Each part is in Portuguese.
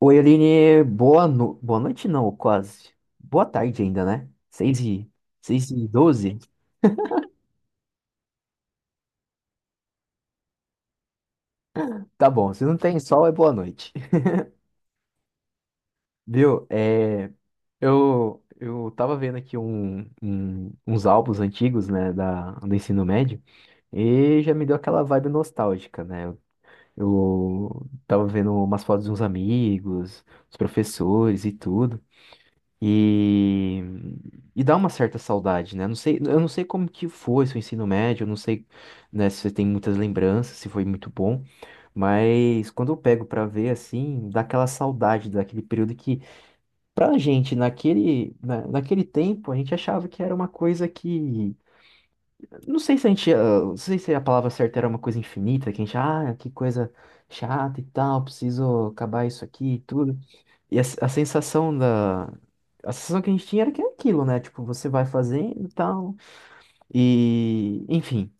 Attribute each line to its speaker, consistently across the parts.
Speaker 1: Oi, Aline, boa noite não, quase. Boa tarde ainda, né? 6 e doze. Tá bom, se não tem sol é boa noite. Viu? Eu tava vendo aqui uns álbuns antigos, né, do ensino médio, e já me deu aquela vibe nostálgica, né? Eu tava vendo umas fotos de uns amigos, os professores e tudo. E, e dá uma certa saudade, né? Não sei, eu não sei como que foi seu ensino médio, eu não sei, né, se você tem muitas lembranças, se foi muito bom, mas quando eu pego pra ver assim, dá aquela saudade daquele período que, pra gente naquele tempo, a gente achava que era uma coisa que, não sei se a gente, não sei se a palavra certa era uma coisa infinita, que a gente, que coisa chata e tal, preciso acabar isso aqui e tudo. E a sensação da. A sensação que a gente tinha era que é aquilo, né? Tipo, você vai fazendo e tal. Enfim.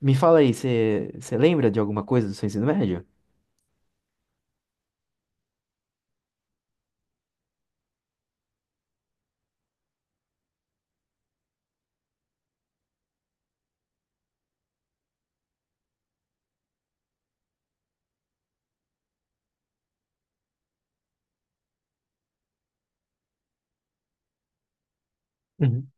Speaker 1: Me fala aí, você lembra de alguma coisa do seu ensino médio? Uhum.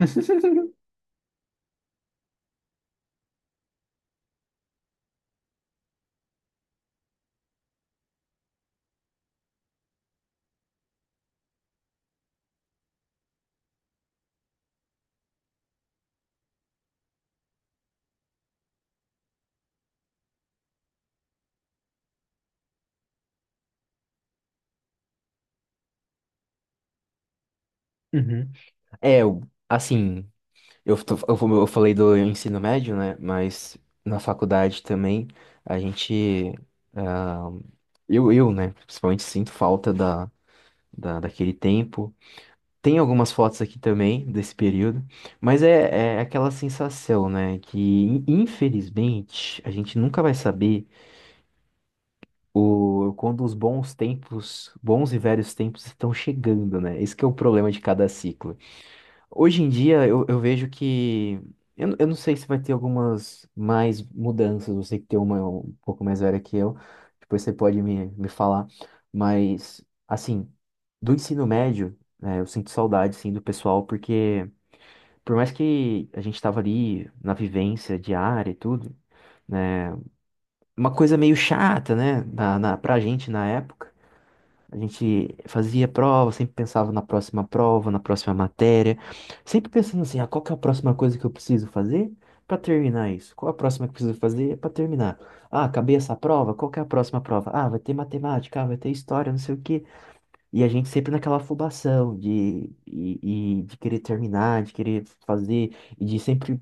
Speaker 1: Uhum. É, assim. Eu, tô- eu, fa- eu falei do ensino médio, né? Mas na faculdade também a gente. ah, eu, né? Principalmente sinto falta daquele tempo. Tem algumas fotos aqui também desse período, mas é aquela sensação, né? Que infelizmente a gente nunca vai saber quando os bons tempos, bons e velhos tempos estão chegando, né? Esse que é o problema de cada ciclo. Hoje em dia eu vejo que. Eu não sei se vai ter algumas mais mudanças, você que tem uma um pouco mais velha que eu, depois você pode me falar, mas assim, do ensino médio, né, eu sinto saudade sim do pessoal, porque por mais que a gente tava ali na vivência diária e tudo, né? Uma coisa meio chata, né? Pra gente na época. A gente fazia prova, sempre pensava na próxima prova, na próxima matéria. Sempre pensando assim, ah, qual que é a próxima coisa que eu preciso fazer pra terminar isso? Qual a próxima que eu preciso fazer pra terminar? Ah, acabei essa prova, qual que é a próxima prova? Ah, vai ter matemática, ah, vai ter história, não sei o quê. E a gente sempre naquela afobação de, e de querer terminar, de querer fazer, e de sempre.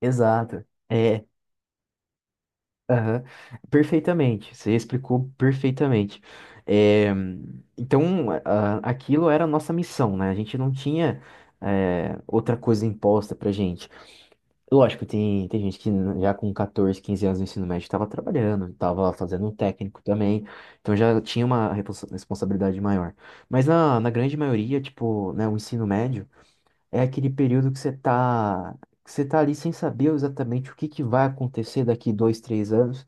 Speaker 1: Exato. É, aham. Perfeitamente. Você explicou perfeitamente. É, então, aquilo era a nossa missão, né? A gente não tinha, outra coisa imposta pra gente. Lógico, tem gente que já com 14, 15 anos no ensino médio estava trabalhando, estava fazendo um técnico também, então já tinha uma responsabilidade maior. Mas na grande maioria, tipo, né, o ensino médio. É aquele período que você tá ali sem saber exatamente o que que vai acontecer daqui 2, 3 anos,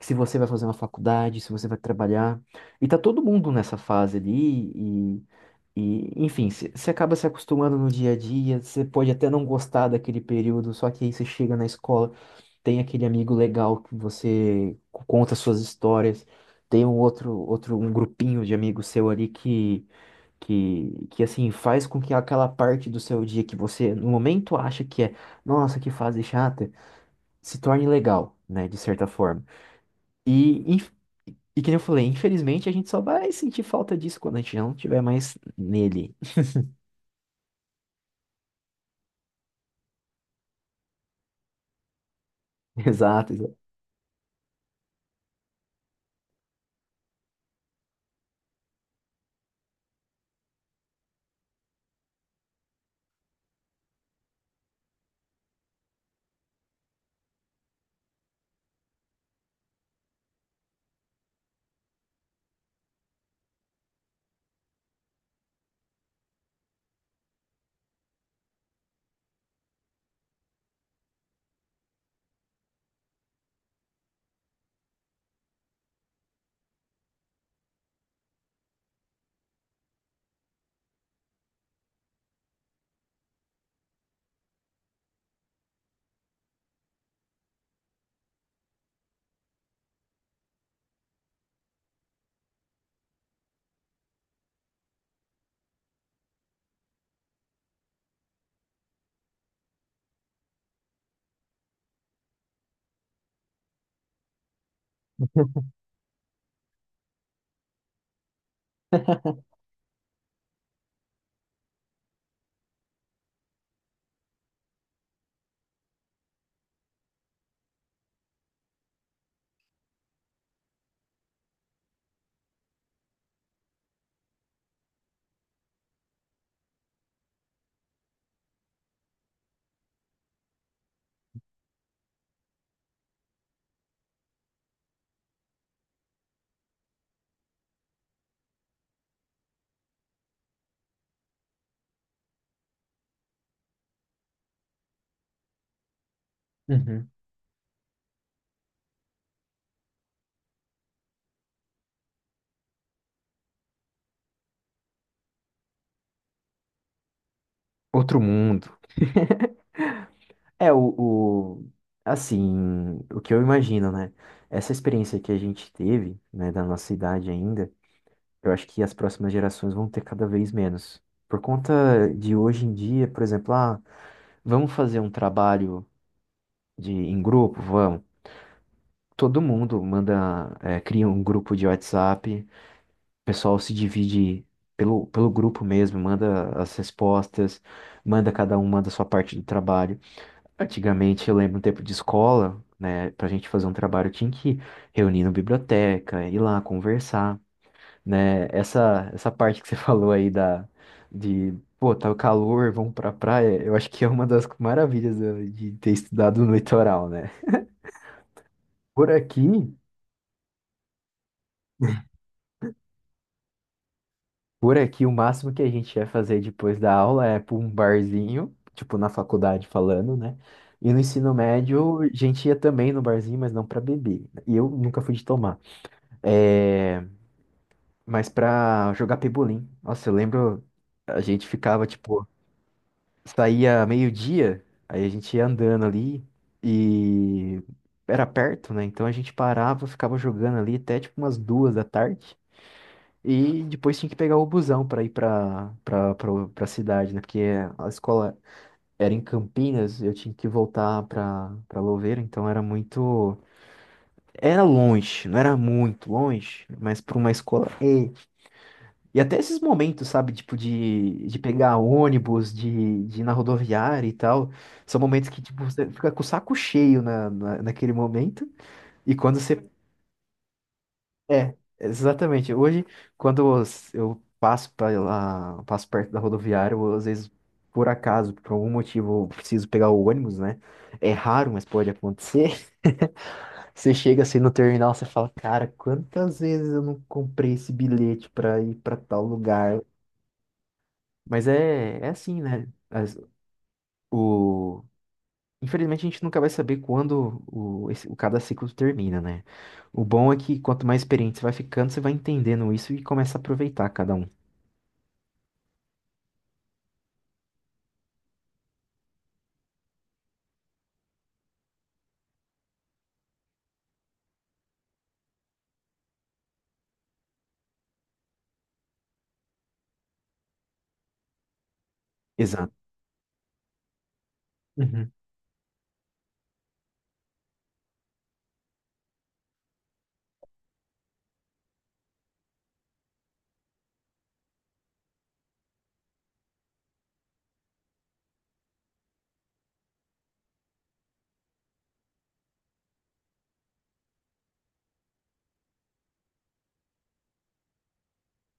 Speaker 1: se você vai fazer uma faculdade, se você vai trabalhar. E tá todo mundo nessa fase ali e, e enfim, você acaba se acostumando no dia a dia, você pode até não gostar daquele período, só que aí você chega na escola, tem aquele amigo legal que você conta suas histórias, tem um outro, um grupinho de amigos seu ali que assim faz com que aquela parte do seu dia que você no momento acha que é, nossa, que fase chata, se torne legal, né, de certa forma. E, inf- e, que nem eu falei, infelizmente a gente só vai sentir falta disso quando a gente não tiver mais nele. Exato, exato. Uhum. Outro mundo. É, assim, o que eu imagino, né? Essa experiência que a gente teve, né, da nossa idade ainda. Eu acho que as próximas gerações vão ter cada vez menos. Por conta de hoje em dia, por exemplo, ah, vamos fazer um trabalho em grupo? Vamos. Todo mundo manda, cria um grupo de WhatsApp, o pessoal se divide pelo grupo mesmo, manda as respostas, manda cada um, manda a sua parte do trabalho. Antigamente, eu lembro um tempo de escola, né, pra gente fazer um trabalho tinha que reunir na biblioteca, ir lá conversar. Né? Essa parte que você falou aí de, pô, tá o calor, vamos pra praia, eu acho que é uma das maravilhas de ter estudado no litoral, né? Por aqui, por aqui, o máximo que a gente vai fazer depois da aula é pra um barzinho, tipo na faculdade falando, né? E no ensino médio, a gente ia também no barzinho, mas não pra beber. E eu nunca fui de tomar. É, mas pra jogar pebolim. Nossa, eu lembro, a gente ficava, tipo, saía meio-dia, aí a gente ia andando ali e era perto, né? Então a gente parava, ficava jogando ali até tipo umas 2 da tarde. E depois tinha que pegar o busão para ir para cidade, né? Porque a escola era em Campinas, eu tinha que voltar para Louveira, então era longe, não era muito longe, mas para uma escola e até esses momentos, sabe, tipo, de pegar ônibus, de ir na rodoviária e tal, são momentos que, tipo, você fica com o saco cheio naquele momento. E quando você. É, exatamente. Hoje, quando eu passo pra lá, passo perto da rodoviária, eu, às vezes, por acaso, por algum motivo, eu preciso pegar o ônibus, né? É raro, mas pode acontecer. Você chega assim no terminal, você fala, cara, quantas vezes eu não comprei esse bilhete pra ir pra tal lugar? Mas é assim, né? O... Infelizmente a gente nunca vai saber quando o, esse- o cada ciclo termina, né? O bom é que quanto mais experiente você vai ficando, você vai entendendo isso e começa a aproveitar cada um. Exato. Uhum.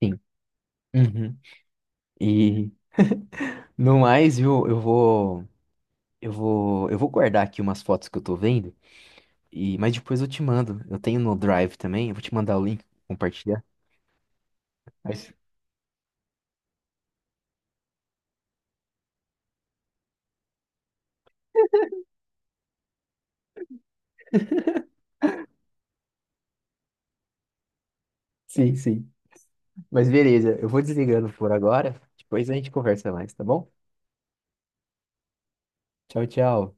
Speaker 1: Sim. Uhum. E no mais, viu, eu vou guardar aqui umas fotos que eu tô vendo, mas depois eu te mando. Eu tenho no Drive também, eu vou te mandar o link, compartilhar. Mas- Sim, sim. Mas beleza, eu vou desligando por agora, depois a gente conversa mais, tá bom? Tchau, tchau.